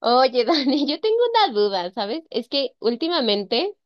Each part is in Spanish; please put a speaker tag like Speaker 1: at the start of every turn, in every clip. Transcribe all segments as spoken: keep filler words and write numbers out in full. Speaker 1: Oye, Dani, yo tengo una duda, ¿sabes? Es que últimamente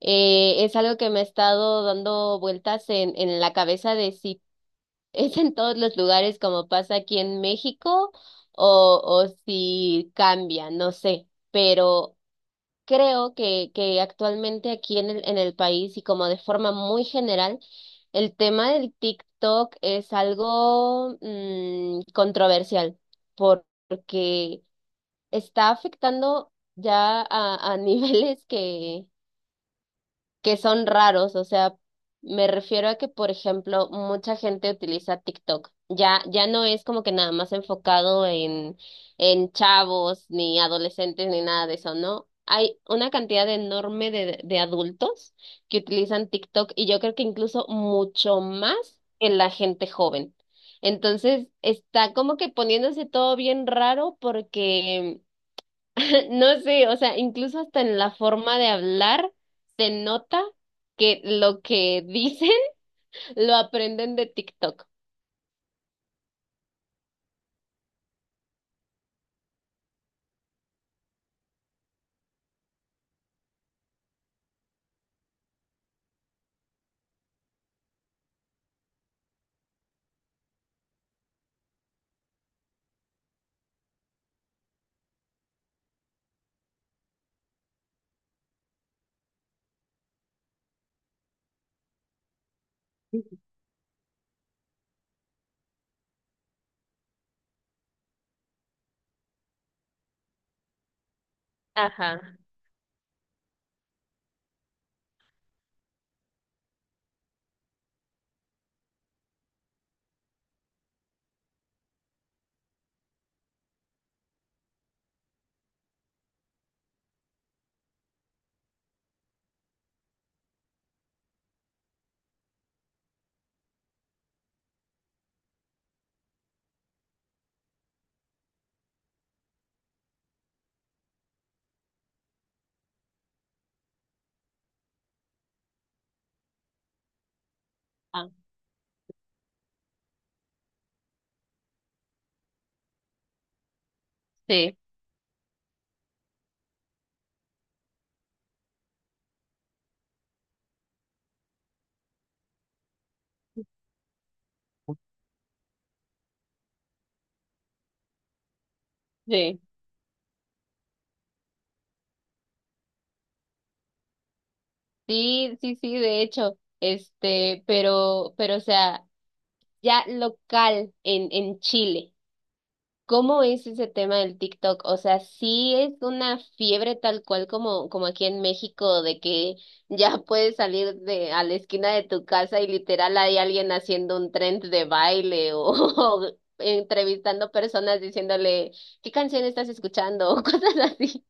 Speaker 1: eh, es algo que me ha estado dando vueltas en, en la cabeza de si es en todos los lugares como pasa aquí en México o, o si cambia, no sé, pero creo que, que actualmente aquí en el, en el país y como de forma muy general, el tema del TikTok es algo mm, controversial porque está afectando ya a, a niveles que, que son raros. O sea, me refiero a que, por ejemplo, mucha gente utiliza TikTok. Ya, ya no es como que nada más enfocado en, en chavos, ni adolescentes, ni nada de eso, ¿no? Hay una cantidad enorme de, de adultos que utilizan TikTok y yo creo que incluso mucho más que la gente joven. Entonces, está como que poniéndose todo bien raro porque no sé, o sea, incluso hasta en la forma de hablar se nota que lo que dicen lo aprenden de TikTok. Ajá. Ah, sí, sí. Sí, sí, sí, de hecho, este, pero, pero, o sea, ya local en, en Chile. ¿Cómo es ese tema del TikTok? O sea, sí es una fiebre tal cual como, como aquí en México, de que ya puedes salir de a la esquina de tu casa y literal hay alguien haciendo un trend de baile o, o entrevistando personas diciéndole, ¿qué canción estás escuchando? o cosas así.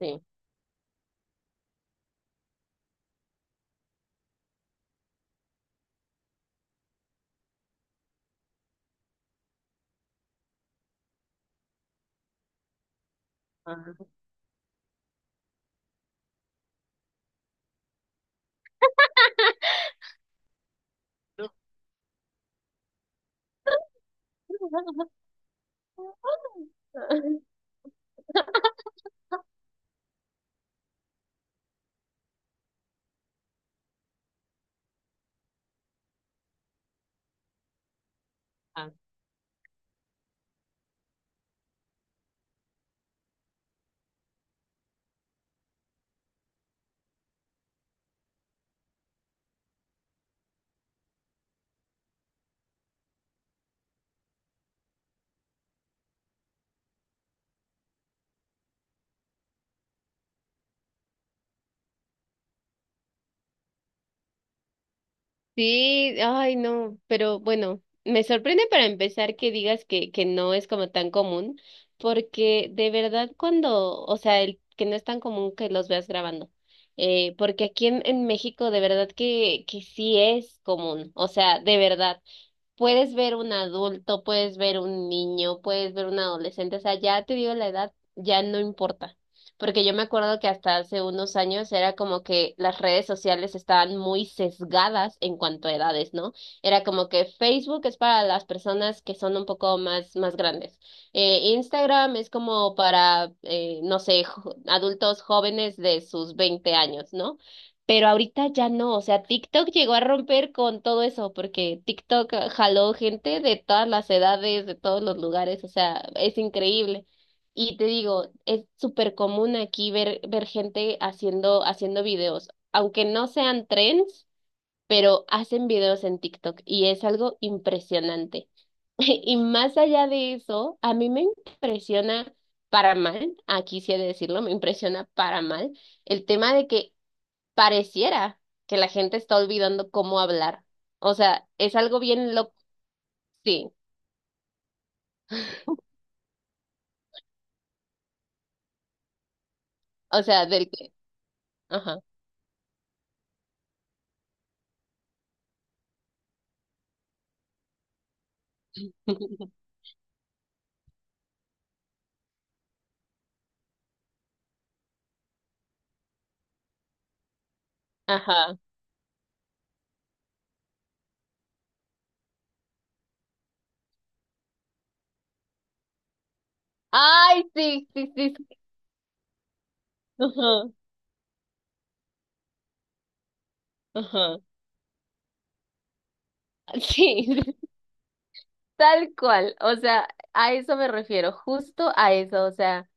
Speaker 1: Sí. Ajá. Sí, ay, no, pero bueno, me sorprende para empezar que digas que, que no es como tan común, porque de verdad cuando, o sea, el que no es tan común que los veas grabando, eh, porque aquí en, en México de verdad que, que sí es común, o sea, de verdad. Puedes ver un adulto, puedes ver un niño, puedes ver un adolescente, o sea, ya te digo la edad, ya no importa. Porque yo me acuerdo que hasta hace unos años era como que las redes sociales estaban muy sesgadas en cuanto a edades, ¿no? Era como que Facebook es para las personas que son un poco más, más grandes. Eh, Instagram es como para, eh, no sé, jo- adultos jóvenes de sus veinte años, ¿no? Pero ahorita ya no, o sea, TikTok llegó a romper con todo eso, porque TikTok ah, jaló gente de todas las edades, de todos los lugares, o sea, es increíble. Y te digo, es súper común aquí ver, ver gente haciendo, haciendo videos, aunque no sean trends, pero hacen videos en TikTok y es algo impresionante. Y más allá de eso, a mí me impresiona para mal, aquí sí he de decirlo, me impresiona para mal el tema de que pareciera que la gente está olvidando cómo hablar. O sea, es algo bien loco. Sí, o sea, del que. Ajá. Ajá. Ay, sí, sí, sí. Sí. Ajá, ajá. Sí, tal cual. O sea, a eso me refiero, justo a eso. O sea,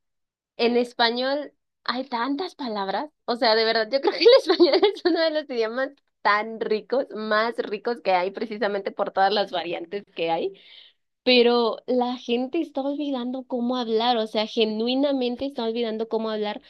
Speaker 1: en español hay tantas palabras. O sea, de verdad, yo creo que el español es uno de los idiomas tan ricos, más ricos que hay, precisamente por todas las variantes que hay. Pero la gente está olvidando cómo hablar, o sea, genuinamente está olvidando cómo hablar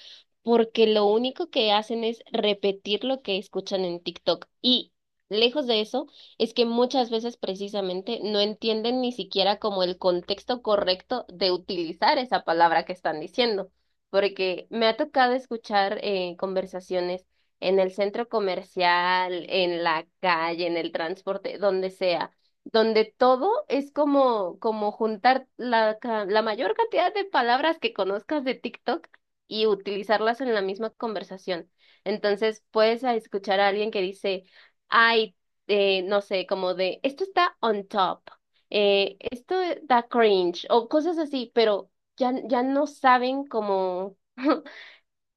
Speaker 1: porque lo único que hacen es repetir lo que escuchan en TikTok. Y lejos de eso, es que muchas veces precisamente no entienden ni siquiera como el contexto correcto de utilizar esa palabra que están diciendo. Porque me ha tocado escuchar eh, conversaciones en el centro comercial, en la calle, en el transporte, donde sea donde todo es como, como juntar la, ca- la mayor cantidad de palabras que conozcas de TikTok y utilizarlas en la misma conversación. Entonces puedes a escuchar a alguien que dice, ay, eh, no sé, como de, esto está on top, eh, esto da cringe o cosas así, pero ya, ya no saben como,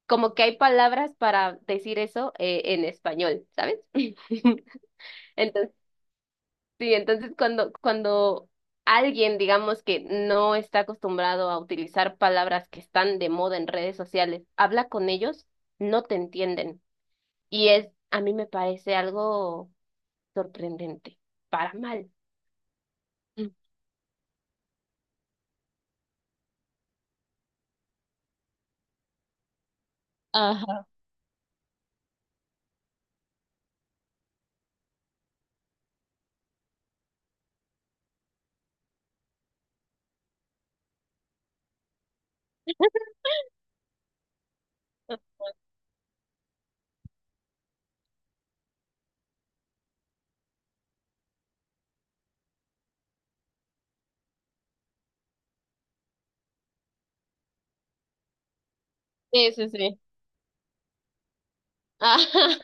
Speaker 1: como que hay palabras para decir eso eh, en español, ¿sabes? Entonces sí, entonces cuando, cuando alguien, digamos que no está acostumbrado a utilizar palabras que están de moda en redes sociales, habla con ellos, no te entienden. Y es, a mí me parece algo sorprendente, para mal. Ajá. Sí, sí, sí. Ajá.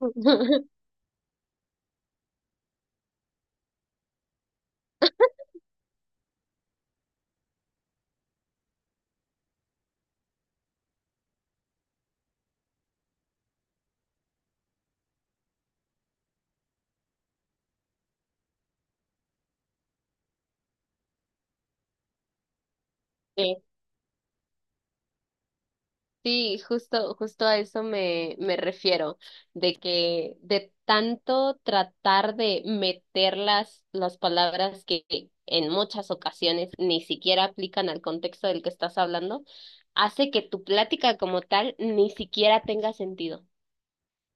Speaker 1: Sí. Sí, justo, justo a eso me, me refiero, de que de tanto tratar de meter las, las palabras que en muchas ocasiones ni siquiera aplican al contexto del que estás hablando, hace que tu plática como tal ni siquiera tenga sentido.